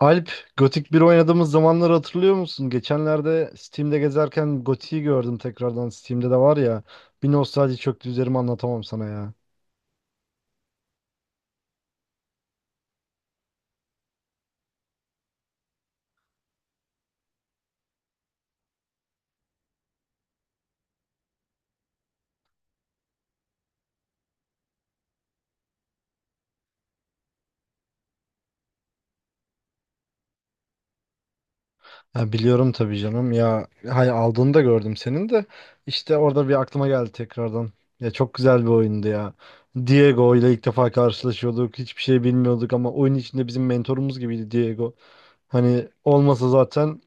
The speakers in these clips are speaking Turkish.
Alp, Gothic bir oynadığımız zamanları hatırlıyor musun? Geçenlerde Steam'de gezerken Gothic'i gördüm tekrardan. Steam'de de var ya. Bir nostalji çöktü üzerime anlatamam sana ya. Ha, biliyorum tabii canım. Ya hay aldığını da gördüm senin de. İşte orada bir aklıma geldi tekrardan. Ya çok güzel bir oyundu ya. Diego ile ilk defa karşılaşıyorduk. Hiçbir şey bilmiyorduk ama oyun içinde bizim mentorumuz gibiydi Diego. Hani olmasa zaten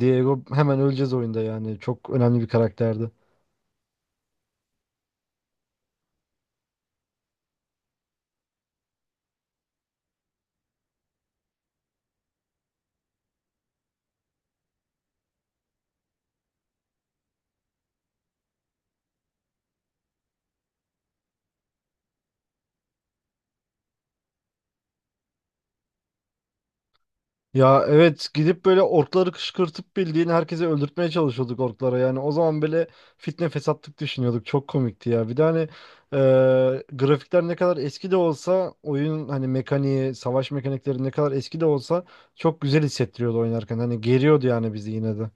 Diego hemen öleceğiz oyunda yani. Çok önemli bir karakterdi. Ya evet, gidip böyle orkları kışkırtıp bildiğin herkese öldürtmeye çalışıyorduk orklara yani. O zaman böyle fitne fesatlık düşünüyorduk, çok komikti ya. Bir de hani e, grafikler ne kadar eski de olsa, oyun hani mekaniği, savaş mekanikleri ne kadar eski de olsa çok güzel hissettiriyordu oynarken, hani geriyordu yani bizi yine de.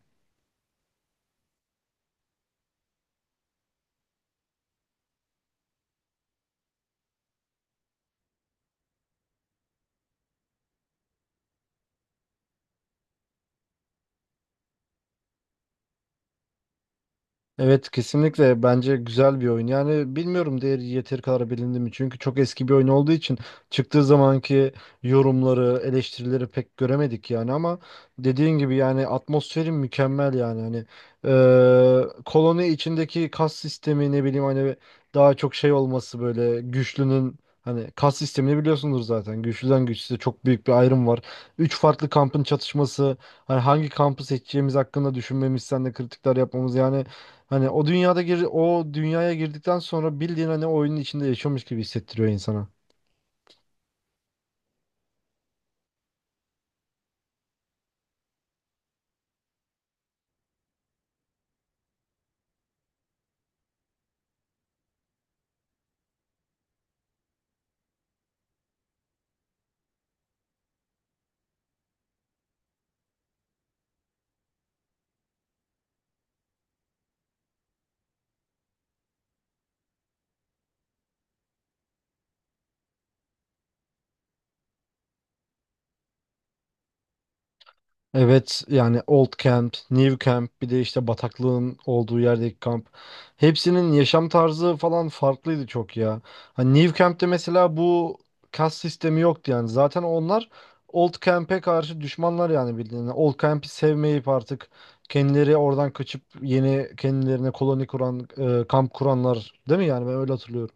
Evet kesinlikle bence güzel bir oyun. Yani bilmiyorum, değeri yeteri kadar bilindi mi? Çünkü çok eski bir oyun olduğu için çıktığı zamanki yorumları, eleştirileri pek göremedik yani. Ama dediğin gibi yani atmosferi mükemmel yani, hani koloni içindeki kas sistemi, ne bileyim hani, daha çok şey olması, böyle güçlünün, hani kas sistemini biliyorsunuz zaten. Güçlüden güçsüze çok büyük bir ayrım var. Üç farklı kampın çatışması. Hani hangi kampı seçeceğimiz hakkında düşünmemiz, sen de kritikler yapmamız yani, hani o dünyaya girdikten sonra bildiğin hani oyunun içinde yaşıyormuş gibi hissettiriyor insana. Evet yani Old Camp, New Camp, bir de işte bataklığın olduğu yerdeki kamp. Hepsinin yaşam tarzı falan farklıydı çok ya. Hani New Camp'te mesela bu kas sistemi yoktu yani. Zaten onlar Old Camp'e karşı düşmanlar yani bildiğin. Yani Old Camp'i sevmeyip artık kendileri oradan kaçıp yeni kendilerine koloni kuran, kamp kuranlar değil mi yani? Ben öyle hatırlıyorum.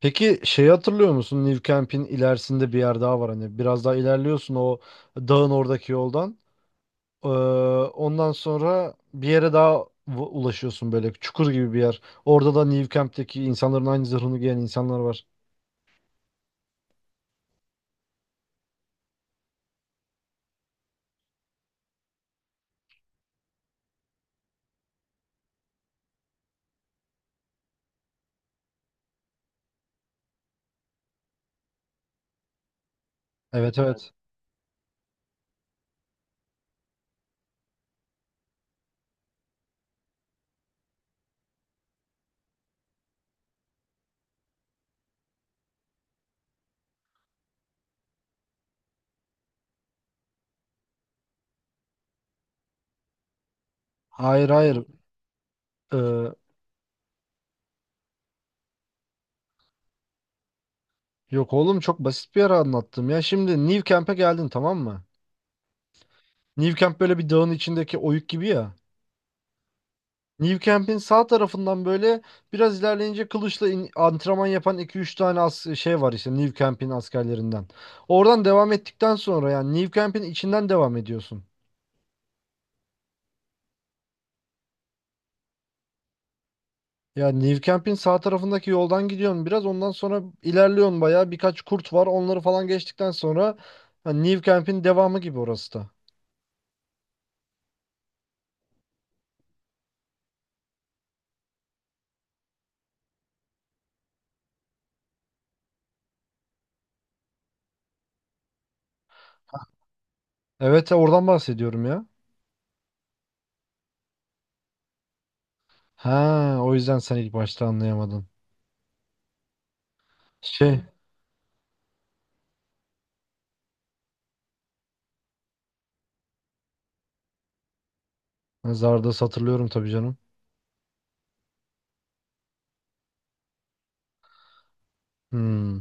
Peki şeyi hatırlıyor musun? New Camp'in ilerisinde bir yer daha var hani, biraz daha ilerliyorsun o dağın oradaki yoldan. Ee, ondan sonra bir yere daha ulaşıyorsun, böyle çukur gibi bir yer. Orada da New Camp'teki insanların aynı zırhını giyen insanlar var. Evet, evet. Hayır, hayır. Ee, yok oğlum, çok basit bir yer anlattım ya. Şimdi New Camp'e geldin, tamam mı? New Camp böyle bir dağın içindeki oyuk gibi ya. New Camp'in sağ tarafından böyle biraz ilerleyince kılıçla antrenman yapan iki üç tane as şey var, işte New Camp'in askerlerinden. Oradan devam ettikten sonra yani New Camp'in içinden devam ediyorsun. Ya New Camp'in sağ tarafındaki yoldan gidiyorsun biraz, ondan sonra ilerliyorsun, bayağı birkaç kurt var, onları falan geçtikten sonra hani New Camp'in devamı gibi orası da. Evet ya, oradan bahsediyorum ya. Ha, o yüzden sen ilk başta anlayamadın. Şey, zardas hatırlıyorum tabii canım. Hmm.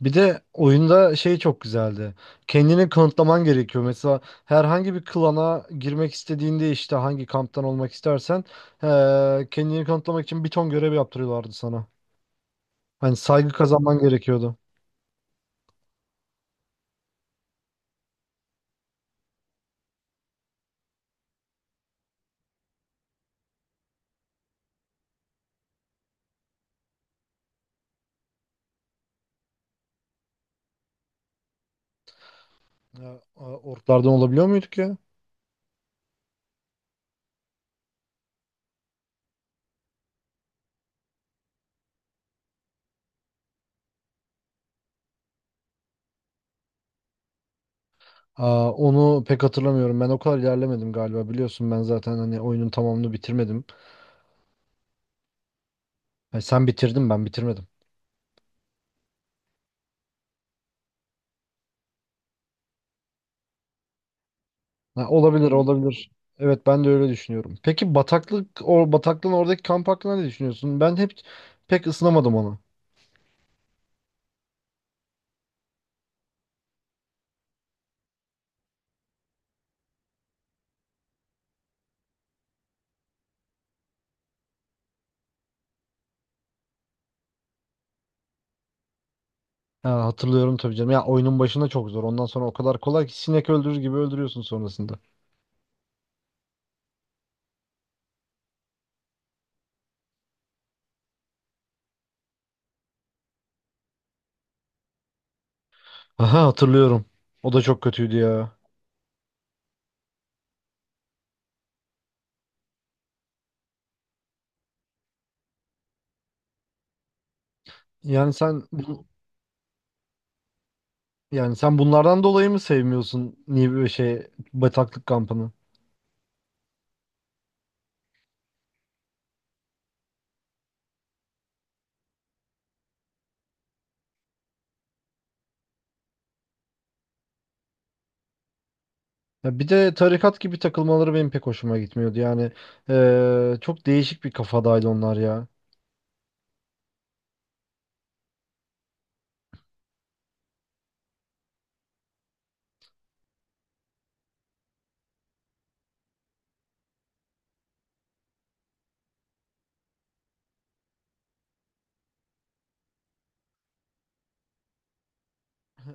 Bir de oyunda şey çok güzeldi. Kendini kanıtlaman gerekiyor. Mesela herhangi bir klana girmek istediğinde, işte hangi kamptan olmak istersen kendini kanıtlamak için bir ton görev yaptırıyorlardı sana. Hani saygı kazanman gerekiyordu. Ya, orklardan olabiliyor muyduk ya? Aa, onu pek hatırlamıyorum. Ben o kadar ilerlemedim galiba. Biliyorsun ben zaten hani oyunun tamamını bitirmedim. Yani sen bitirdin, ben bitirmedim. Ha, olabilir, olabilir. Evet ben de öyle düşünüyorum. Peki bataklık, o bataklığın oradaki kamp hakkında ne düşünüyorsun? Ben hep pek ısınamadım onu. Ha, hatırlıyorum tabii canım. Ya oyunun başında çok zor. Ondan sonra o kadar kolay ki sinek öldürür gibi öldürüyorsun sonrasında. Aha, hatırlıyorum. O da çok kötüydü ya. Yani sen bu- yani sen bunlardan dolayı mı sevmiyorsun, niye böyle şey, bataklık kampını? Ya bir de tarikat gibi takılmaları benim pek hoşuma gitmiyordu. Yani çok değişik bir kafadaydı onlar ya.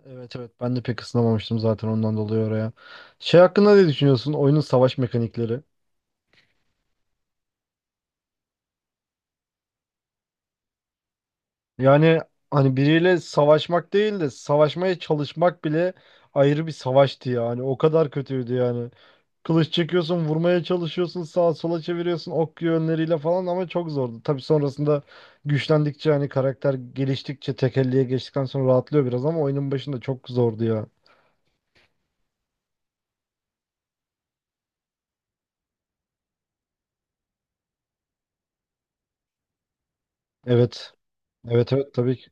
Evet, evet ben de pek ısınamamıştım zaten ondan dolayı oraya. Şey hakkında ne düşünüyorsun? Oyunun savaş mekanikleri. Yani hani biriyle savaşmak değil de savaşmaya çalışmak bile ayrı bir savaştı yani. O kadar kötüydü yani. Kılıç çekiyorsun, vurmaya çalışıyorsun, sağa sola çeviriyorsun ok yönleriyle falan, ama çok zordu. Tabii sonrasında güçlendikçe, hani karakter geliştikçe, tekelliğe geçtikten sonra rahatlıyor biraz, ama oyunun başında çok zordu ya. Evet. Evet, evet tabii ki.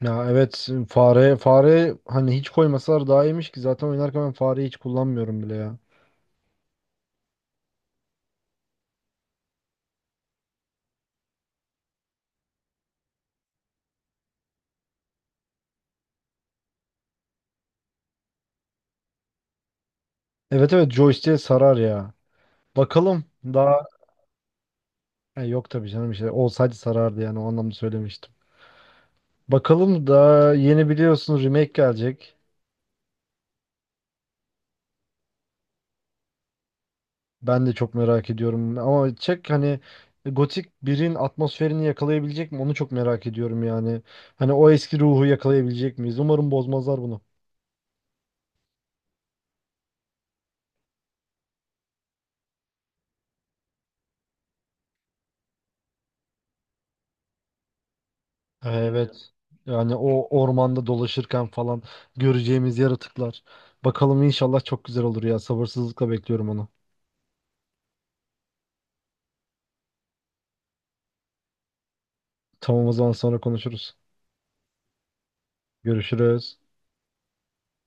Ya evet, fare, fare hani hiç koymasalar daha iyiymiş, ki zaten oynarken ben fareyi hiç kullanmıyorum bile ya. Evet, evet joystick'e sarar ya. Bakalım daha E, yok tabii canım, işte olsaydı sarardı yani, o anlamda söylemiştim. Bakalım, daha yeni biliyorsunuz remake gelecek. Ben de çok merak ediyorum, ama çek hani Gothic 1'in atmosferini yakalayabilecek mi, onu çok merak ediyorum yani. Hani o eski ruhu yakalayabilecek miyiz? Umarım bozmazlar bunu. Evet. Yani o ormanda dolaşırken falan göreceğimiz yaratıklar. Bakalım inşallah çok güzel olur ya. Sabırsızlıkla bekliyorum onu. Tamam, o zaman sonra konuşuruz. Görüşürüz.